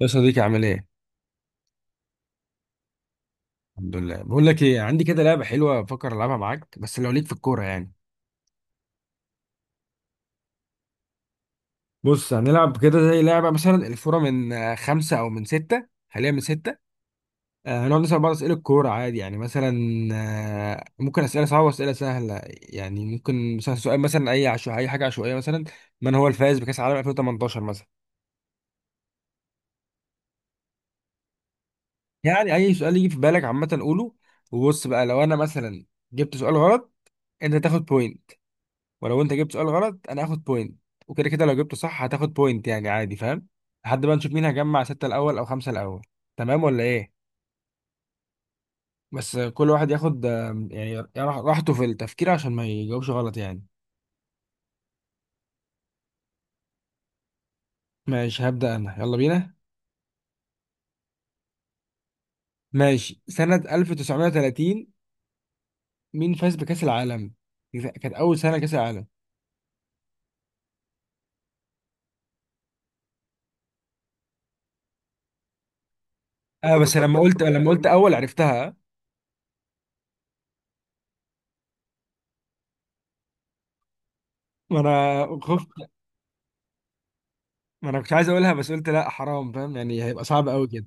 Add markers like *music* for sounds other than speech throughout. يا صديقي عامل ايه؟ الحمد لله. بقول لك ايه، عندي كده لعبه حلوه بفكر العبها معاك بس لو ليك في الكوره يعني. بص هنلعب كده زي لعبه، مثلا الفوره من خمسه او من سته، خليها من سته. هنقعد نسال بعض اسئله الكوره عادي، يعني مثلا ممكن اسئله صعبه واسئله سهله، يعني ممكن مثلا سؤال مثلا اي عشو اي حاجه عشوائيه. مثلا من هو الفائز بكاس العالم 2018 مثلا؟ يعني اي سؤال يجي في بالك عامه قوله. وبص بقى، لو انا مثلا جبت سؤال غلط انت تاخد بوينت، ولو انت جبت سؤال غلط انا هاخد بوينت. وكده كده لو جبته صح هتاخد بوينت، يعني عادي، فاهم؟ لحد ما نشوف مين هيجمع ستة الاول او خمسة الاول. تمام ولا ايه؟ بس كل واحد ياخد يعني راحته في التفكير عشان ما يجاوبش غلط يعني. ماشي، هبدأ انا، يلا بينا. ماشي، سنة 1930 مين فاز بكأس العالم؟ دي كانت اول سنة كأس العالم. اه، بس لما قلت اول عرفتها. ما انا خفت. ما انا كنت عايز اقولها بس قلت لا حرام، فاهم يعني؟ هيبقى صعب قوي كده.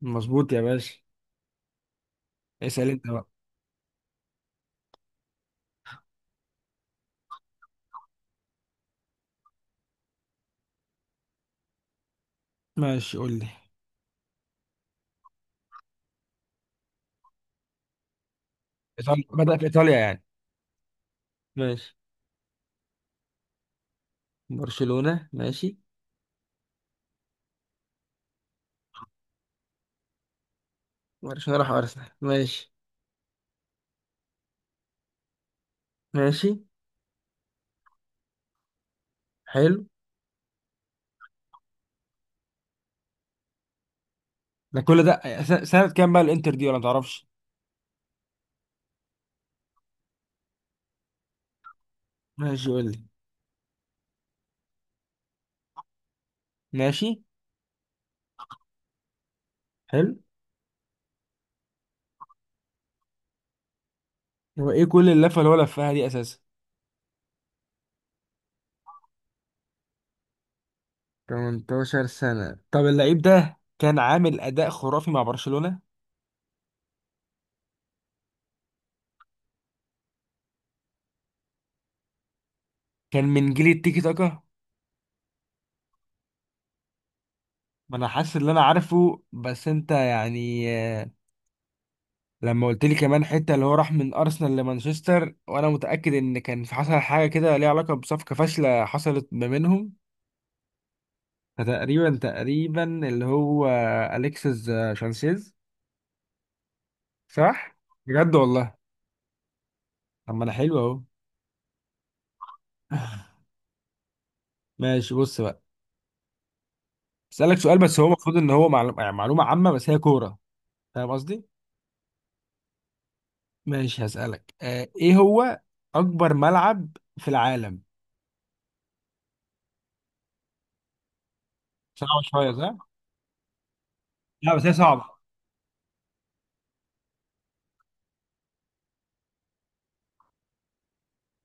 مظبوط يا باشا. اسأل انت. ماشي، قول لي. إيطاليا، بدأ في إيطاليا يعني. ماشي. برشلونة. ماشي. برشلونة راح أرسنال، ماشي. ماشي. حلو. ده كل ده سنة كام بقى الإنتر دي، ولا متعرفش؟ ماشي قول لي. ماشي. حلو. هو إيه كل اللفة اللي هو لفها دي أساسا؟ 18 سنة؟ طب اللعيب ده كان عامل أداء خرافي مع برشلونة. كان من جيل التيكي تاكا. ما أنا حاسس إن أنا عارفه بس أنت يعني لما قلت لي كمان حته اللي هو راح من ارسنال لمانشستر، وانا متاكد ان كان في حصل حاجه كده ليها علاقه بصفقه فاشله حصلت ما بينهم، فتقريبا تقريبا اللي هو اليكسيس شانسيز. صح. بجد والله. طب ما انا حلو اهو. ماشي، بص بقى. اسالك سؤال بس هو المفروض ان هو معلومه، يعني معلومه عامه بس هي كوره، فاهم قصدي؟ ماشي، هسالك آه ايه هو اكبر ملعب في العالم؟ صعب شويه صح؟ لا بس هي صعبه.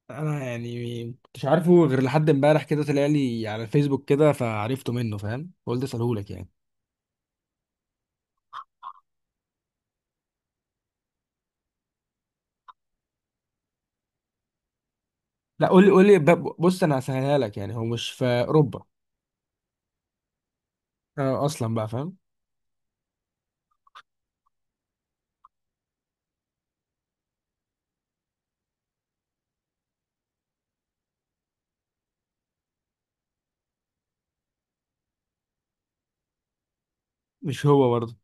انا يعني مش عارفه غير لحد امبارح كده طلع لي على الفيسبوك كده فعرفته منه، فاهم؟ قلت اساله لك يعني. لا قول لي قول لي. بص، انا هسهلها لك، يعني هو مش في اوروبا اصلا بقى، فاهم؟ مش هو برضه.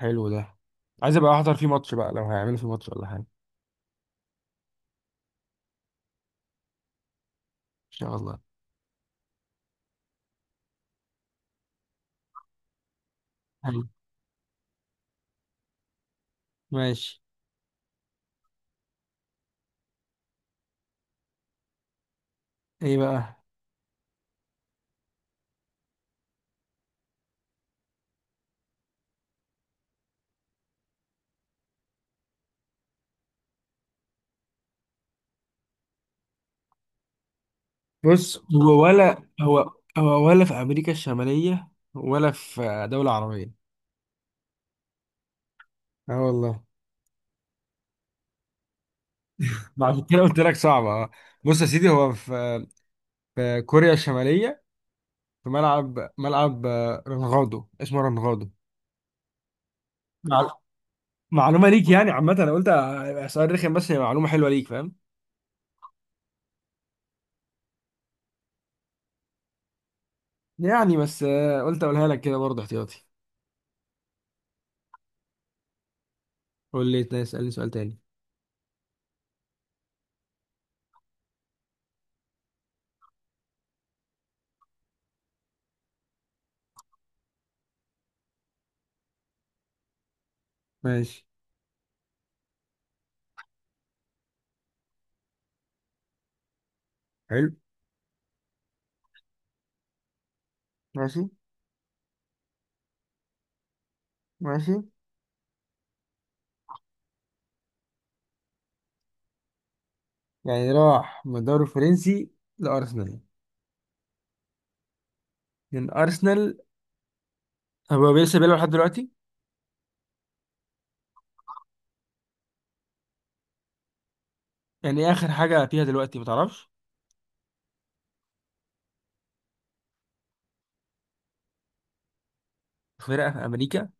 حلو ده. عايز ابقى احضر فيه ماتش بقى لو هيعملوا فيه ماتش ولا حاجه ان شاء الله. حلو. ماشي. ايه بقى؟ بص هو ولا هو؟ هو ولا في امريكا الشماليه ولا في دوله عربيه؟ اه والله. ما عشان كده قلت لك صعبه اه. بص يا سيدي، هو في في كوريا الشماليه. في ملعب، ملعب رنغاضو، اسمه رنغاضو. مع- معلومة ليك، يعني عامة، أنا قلت هيبقى سؤال رخم بس هي معلومة حلوة ليك، فاهم؟ يعني بس قلت أقولها لك كده برضه احتياطي. قول لي اسألني سؤال تاني. ماشي. حلو. ماشي ماشي. يعني راح من الدوري الفرنسي لأرسنال. من أرسنال. هو لسه بيلعب لحد دلوقتي؟ يعني إيه آخر حاجة فيها دلوقتي، ما تعرفش؟ فرقة في أمريكا.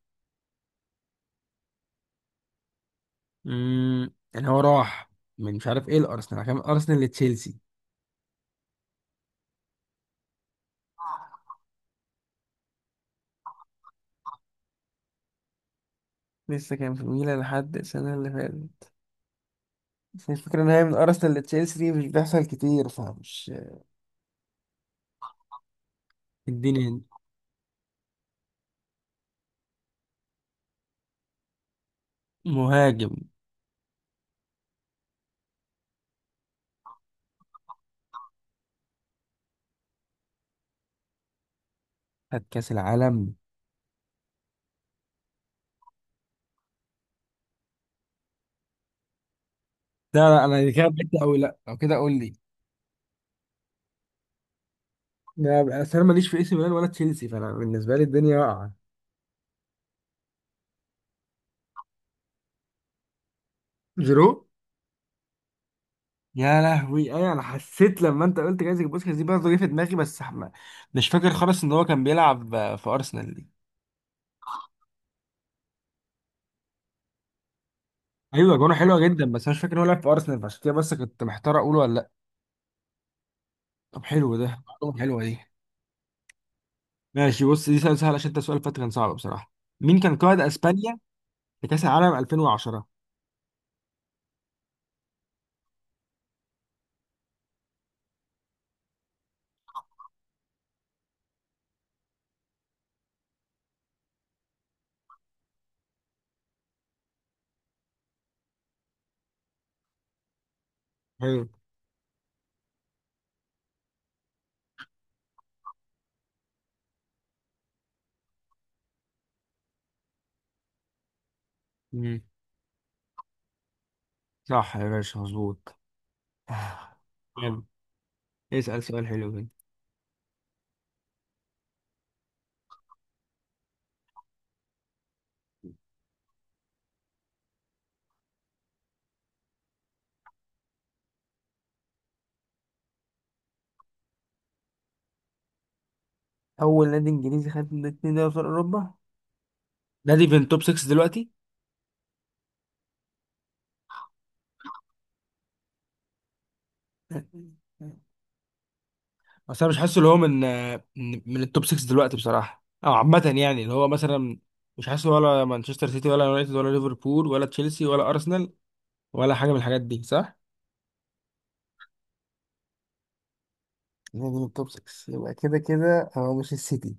امم، يعني هو راح من مش عارف إيه الأرسنال، عشان من أرسنال لتشيلسي. لسه كان في ميلان لحد السنة اللي فاتت. بس الفكرة إن هي من أرسنال لتشيلسي دي مش بيحصل كتير فمش. اديني هنا. مهاجم. خد كأس العالم. لا لا أنا كده بعدت أوي، لا لو كده قول لي. لا بقى، أصل أنا ماليش في إي سي ميلان ولا تشيلسي، فأنا بالنسبة لي الدنيا واقعة. جيرو. يا لهوي، أيوة أنا حسيت لما أنت قلت جايزة بوسكاس دي برضه جه في دماغي بس مش فاكر خالص إن هو كان بيلعب في أرسنال دي. ايوه جونه حلوه جدا بس انا مش فاكر إن هو لعب في ارسنال، فعشان كده بس كنت محتار اقوله ولا لا. طب حلو ده، معلومه حلوه دي. ماشي، بص، دي سؤال سهل عشان انت سؤال فات كان صعب بصراحة. مين كان قائد اسبانيا في كأس العالم 2010؟ حلو. مم. صح يا باشا، مظبوط. آه. حلو. اسأل سؤال حلو كده. اول نادي انجليزي خد اتنين دوري ابطال اوروبا؟ نادي في التوب 6 دلوقتي؟ *laughs* بس انا مش حاسه اللي هو من من التوب 6 دلوقتي بصراحة، او عامة يعني، اللي هو مثلا مش حاسه ولا مانشستر سيتي ولا يونايتد ولا ليفربول ولا تشيلسي ولا ارسنال، ولا حاجة من الحاجات دي صح؟ نادي من التوب 6، يبقى كده كده هو مش السيتي.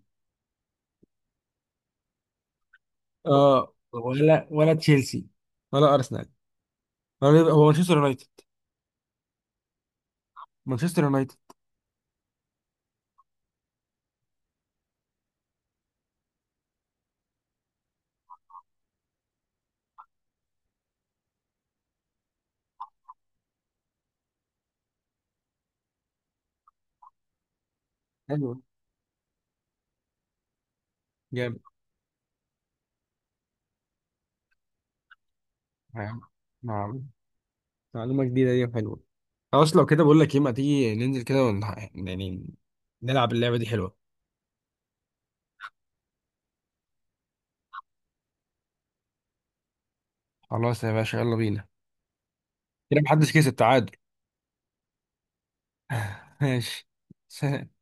اه، ولا تشيلسي. ولا ارسنال. هو مانشستر يونايتد. مانشستر يونايتد. حلو. جامد. نعم. نعم. معلومة جديدة دي، حلوة. خلاص لو كده بقول لك ايه، ما تيجي ننزل كده يعني نلعب اللعبة دي، حلوة. خلاص يا باشا، يلا بينا. كده محدش كسب، تعادل. ماشي. *laughs*